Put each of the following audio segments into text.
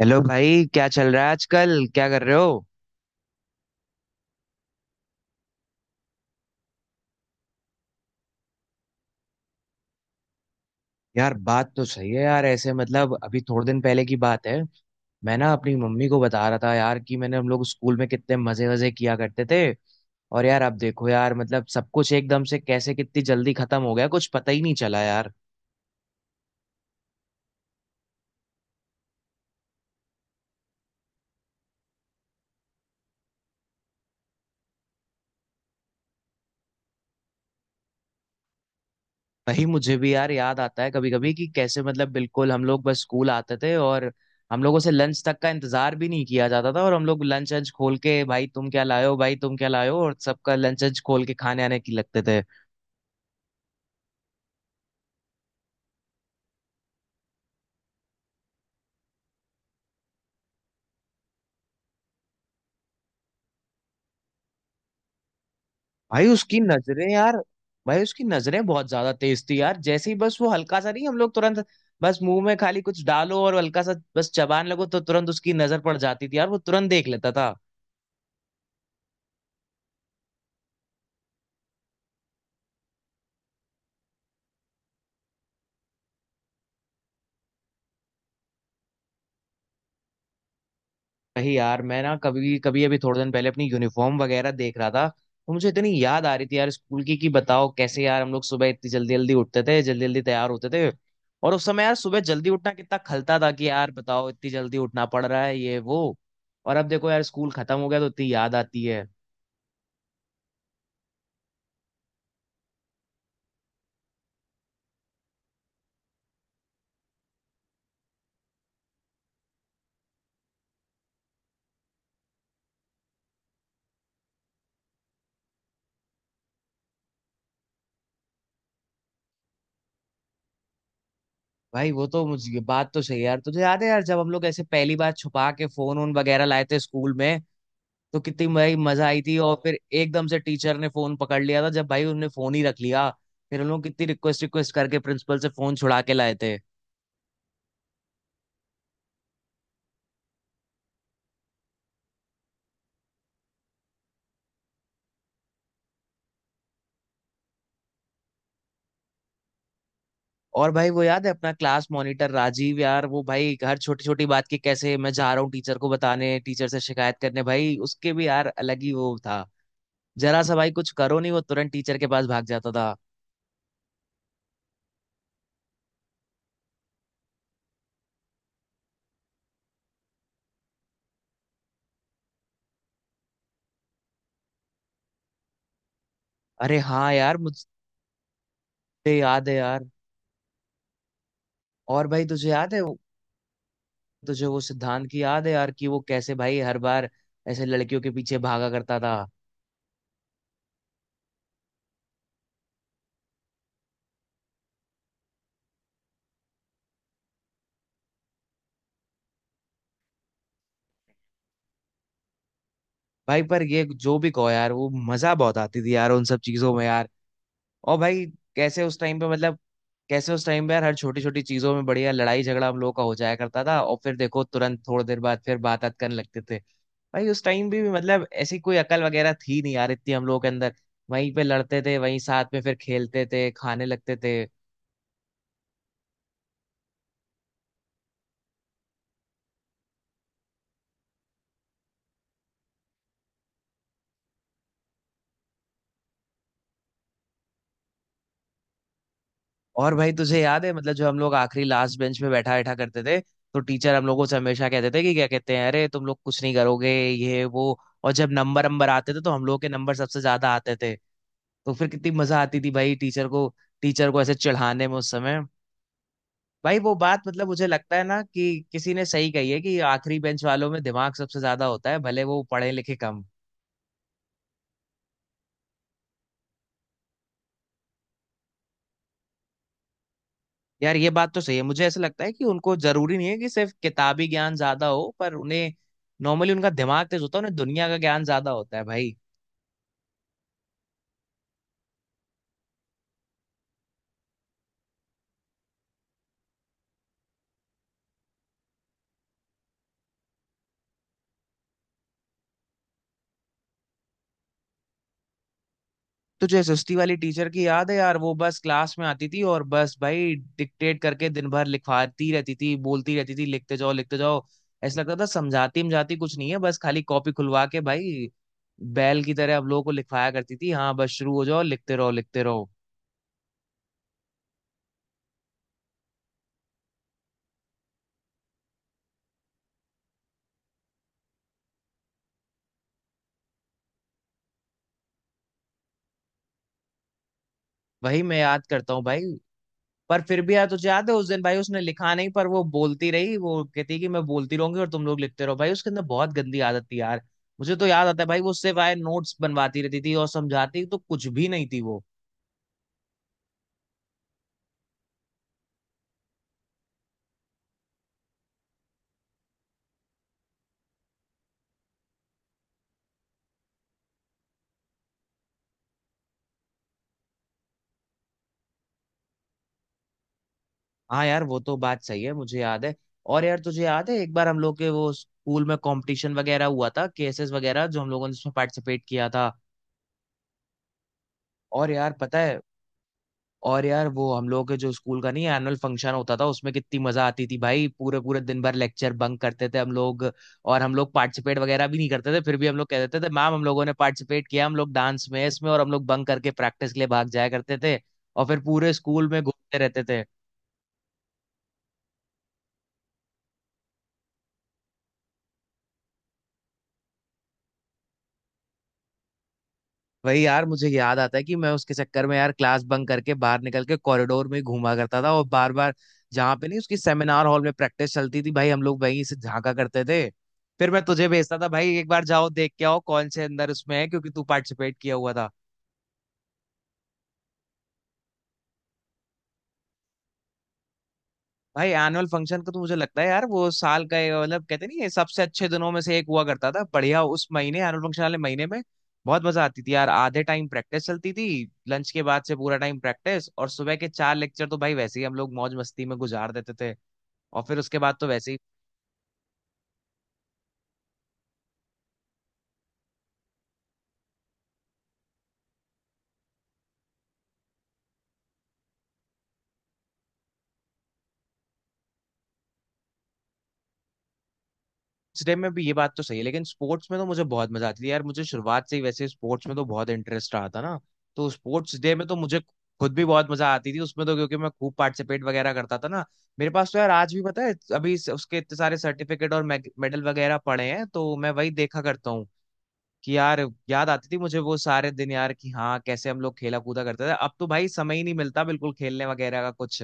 Hello भाई, क्या चल रहा है आजकल? क्या कर रहे हो? यार बात तो सही है यार। ऐसे मतलब अभी थोड़े दिन पहले की बात है। मैं ना अपनी मम्मी को बता रहा था यार कि मैंने, हम लोग स्कूल में कितने मजे वजे किया करते थे। और यार अब देखो यार, मतलब सब कुछ एकदम से कैसे, कितनी जल्दी खत्म हो गया, कुछ पता ही नहीं चला यार। नहीं, मुझे भी यार याद आता है कभी कभी कि कैसे मतलब बिल्कुल हम लोग बस स्कूल आते थे और हम लोगों से लंच तक का इंतजार भी नहीं किया जाता था, और हम लोग लंच अंच खोल के, भाई तुम क्या लाए हो, भाई तुम क्या लाए हो, और सबका लंच अंच खोल के खाने आने की लगते थे। भाई उसकी नजरें यार, भाई उसकी नजरें बहुत ज्यादा तेज थी यार। जैसे ही बस वो हल्का सा, नहीं हम लोग तुरंत, बस मुंह में खाली कुछ डालो और हल्का सा बस चबान लगो तो तुरंत उसकी नजर पड़ जाती थी यार, वो तुरंत देख लेता था। वही यार, मैं ना कभी कभी, अभी थोड़े दिन पहले अपनी यूनिफॉर्म वगैरह देख रहा था तो मुझे इतनी याद आ रही थी यार स्कूल की, कि बताओ कैसे यार हम लोग सुबह इतनी जल्दी जल्दी उठते थे, जल्दी जल्दी तैयार होते थे। और उस समय यार सुबह जल्दी उठना कितना खलता था, कि यार बताओ इतनी जल्दी उठना पड़ रहा है ये वो। और अब देखो यार स्कूल खत्म हो गया तो इतनी याद आती है। भाई वो तो मुझे बात तो सही है यार। तुझे याद है यार जब हम लोग ऐसे पहली बार छुपा के फोन वोन वगैरह लाए थे स्कूल में तो कितनी भाई मजा आई थी, और फिर एकदम से टीचर ने फोन पकड़ लिया था, जब भाई उन्होंने फोन ही रख लिया। फिर हम लोग कितनी रिक्वेस्ट रिक्वेस्ट करके प्रिंसिपल से फोन छुड़ा के लाए थे। और भाई वो याद है अपना क्लास मॉनिटर राजीव यार, वो भाई हर छोटी छोटी बात की कैसे मैं जा रहा हूँ टीचर को बताने, टीचर से शिकायत करने, भाई उसके भी यार अलग ही वो था। जरा सा भाई कुछ करो नहीं, वो तुरंत टीचर के पास भाग जाता था। अरे हाँ यार, मुझे याद है यार। और भाई तुझे याद है तुझे वो सिद्धांत की याद है यार, कि वो कैसे भाई हर बार ऐसे लड़कियों के पीछे भागा करता था। भाई पर ये जो भी कहो यार, वो मजा बहुत आती थी यार उन सब चीजों में यार। और भाई कैसे उस टाइम पे मतलब कैसे उस टाइम पे यार हर छोटी छोटी चीजों में बढ़िया लड़ाई झगड़ा हम लोगों का हो जाया करता था, और फिर देखो तुरंत थोड़ी देर बाद फिर बात बात करने लगते थे। भाई उस टाइम भी मतलब ऐसी कोई अकल वगैरह थी नहीं यार इतनी हम लोगों के अंदर। वहीं पे लड़ते थे, वहीं साथ में फिर खेलते थे, खाने लगते थे। और भाई तुझे याद है, मतलब जो हम लोग आखिरी लास्ट बेंच में बैठा बैठा करते थे, तो टीचर हम लोगों से हमेशा कहते थे कि क्या कहते हैं, अरे तुम लोग कुछ नहीं करोगे ये वो। और जब नंबर नंबर आते थे तो हम लोग के नंबर सबसे ज्यादा आते थे। तो फिर कितनी मजा आती थी भाई टीचर को, टीचर को ऐसे चिढ़ाने में उस समय। भाई वो बात मतलब मुझे लगता है ना, कि किसी ने सही कही है कि आखिरी बेंच वालों में दिमाग सबसे ज्यादा होता है, भले वो पढ़े लिखे कम। यार ये बात तो सही है, मुझे ऐसा लगता है कि उनको जरूरी नहीं है कि सिर्फ किताबी ज्ञान ज्यादा हो, पर उन्हें नॉर्मली उनका दिमाग तेज होता है, उन्हें दुनिया का ज्ञान ज्यादा होता है भाई। तुझे सुस्ती वाली टीचर की याद है यार? वो बस क्लास में आती थी और बस भाई डिक्टेट करके दिन भर लिखवाती रहती थी, बोलती रहती थी, लिखते जाओ लिखते जाओ। ऐसा लगता था समझाती समझाती कुछ नहीं है, बस खाली कॉपी खुलवा के भाई बैल की तरह हम लोगों को लिखवाया करती थी। हाँ बस शुरू हो जाओ, लिखते रहो लिखते रहो। वही मैं याद करता हूँ भाई। पर फिर भी यार तुझे याद है उस दिन भाई उसने लिखा नहीं, पर वो बोलती रही, वो कहती कि मैं बोलती रहूंगी और तुम लोग लिखते रहो। भाई उसके अंदर बहुत गंदी आदत थी यार। मुझे तो याद आता है भाई वो उससे, भाई नोट्स बनवाती रहती थी और समझाती तो कुछ भी नहीं थी वो। हाँ यार वो तो बात सही है, मुझे याद है। और यार तुझे याद है एक बार हम लोग के वो स्कूल में कंपटीशन वगैरह हुआ था, केसेस वगैरह, जो हम लोगों ने उसमें पार्टिसिपेट किया था। और यार पता है, और यार वो हम लोगों के जो स्कूल का, नहीं एनुअल फंक्शन होता था उसमें कितनी मजा आती थी भाई, पूरे पूरे दिन भर लेक्चर बंक करते थे हम लोग। और हम लोग पार्टिसिपेट वगैरह भी नहीं करते थे, फिर भी हम लोग कह देते थे मैम हम लोगों ने पार्टिसिपेट किया, हम लोग डांस में, इसमें, और हम लोग बंक करके प्रैक्टिस के लिए भाग जाया करते थे, और फिर पूरे स्कूल में घूमते रहते थे। वही यार मुझे याद आता है कि मैं उसके चक्कर में यार क्लास बंक करके बाहर निकल के कॉरिडोर में ही घूमा करता था, और बार बार जहाँ पे, नहीं उसकी सेमिनार हॉल में प्रैक्टिस चलती थी भाई, हम लोग वहीं से झांका करते थे। फिर मैं तुझे भेजता था भाई, एक बार जाओ देख के आओ कौन से अंदर उसमें है, क्योंकि तू पार्टिसिपेट किया हुआ था। भाई एनुअल फंक्शन का तो मुझे लगता है यार वो साल का ये मतलब, कहते नहीं है सबसे अच्छे दिनों में से एक हुआ करता था, बढ़िया उस महीने, एनुअल फंक्शन वाले महीने में बहुत मजा आती थी यार। आधे टाइम प्रैक्टिस चलती थी, लंच के बाद से पूरा टाइम प्रैक्टिस, और सुबह के चार लेक्चर तो भाई वैसे ही हम लोग मौज मस्ती में गुजार देते थे, और फिर उसके बाद तो वैसे ही। स्टेप में भी ये बात तो सही है, लेकिन स्पोर्ट्स में तो मुझे बहुत मजा आती थी यार। मुझे शुरुआत से ही वैसे स्पोर्ट्स में तो बहुत इंटरेस्ट रहा था ना, तो स्पोर्ट्स डे में तो मुझे खुद भी बहुत मजा आती थी उसमें तो, क्योंकि मैं खूब पार्टिसिपेट वगैरह करता था ना। मेरे पास तो यार आज भी पता है अभी उसके इतने सारे सर्टिफिकेट और मेडल वगैरह पड़े हैं, तो मैं वही देखा करता हूँ, कि यार याद आती थी मुझे वो सारे दिन यार, कि हाँ कैसे हम लोग खेला कूदा करते थे। अब तो भाई समय ही नहीं मिलता बिल्कुल, खेलने वगैरह का कुछ।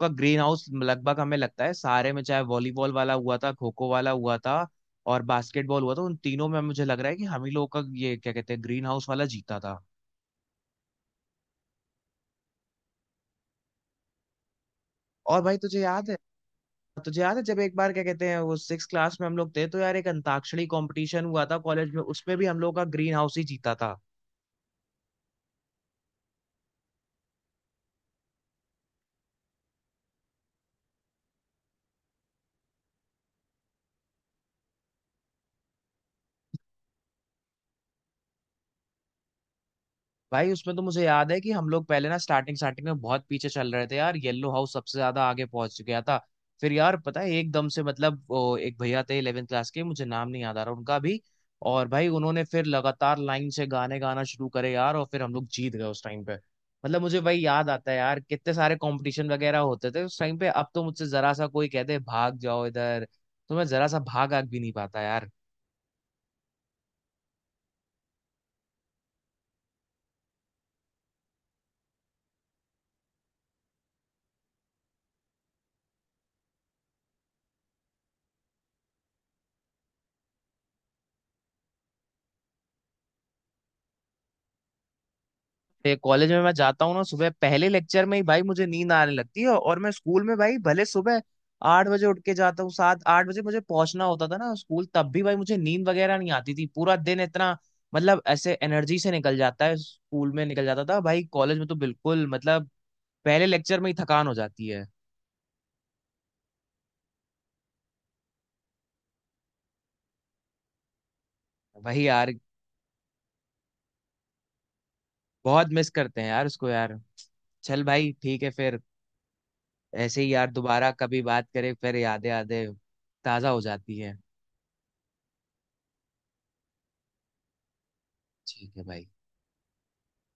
का ग्रीन हाउस लगभग हमें लगता है सारे में, चाहे वॉलीबॉल वाला हुआ था, खो खो वाला हुआ था, और बास्केटबॉल हुआ था, उन तीनों में मुझे लग रहा है कि हम ही लोगों का ये क्या कहते हैं ग्रीन हाउस वाला जीता था। और भाई तुझे याद है, तुझे याद है जब एक बार क्या कहते हैं वो 6 क्लास में हम लोग थे, तो यार एक अंताक्षरी कंपटीशन हुआ था कॉलेज में, उसमें भी हम लोग का ग्रीन हाउस ही जीता था। भाई उसमें तो मुझे याद है कि हम लोग पहले ना स्टार्टिंग स्टार्टिंग में बहुत पीछे चल रहे थे यार, येलो हाउस सबसे ज्यादा आगे पहुंच गया था। फिर यार पता है एकदम से मतलब वो एक भैया थे 11th क्लास के, मुझे नाम नहीं याद आ रहा उनका भी। और भाई उन्होंने फिर लगातार लाइन से गाने गाना शुरू करे यार, और फिर हम लोग जीत गए उस टाइम पे। मतलब मुझे भाई याद आता है यार कितने सारे कंपटीशन वगैरह होते थे उस टाइम पे, अब तो मुझसे जरा सा कोई कहते भाग जाओ इधर, तो मैं जरा सा भाग आग भी नहीं पाता यार। ये कॉलेज में मैं जाता हूँ ना सुबह पहले लेक्चर में ही भाई मुझे नींद आने लगती है, और मैं स्कूल में भाई भले सुबह 8 बजे उठ के जाता हूँ, 7-8 बजे मुझे पहुंचना होता था ना स्कूल, तब भी भाई मुझे नींद वगैरह नहीं आती थी, पूरा दिन इतना मतलब ऐसे एनर्जी से निकल जाता है स्कूल में, निकल जाता था भाई। कॉलेज में तो बिल्कुल मतलब पहले लेक्चर में ही थकान हो जाती है। भाई यार, बहुत मिस करते हैं यार उसको यार। चल भाई ठीक है फिर, ऐसे ही यार दोबारा कभी बात करें, फिर यादें यादें ताजा हो जाती है। ठीक है भाई।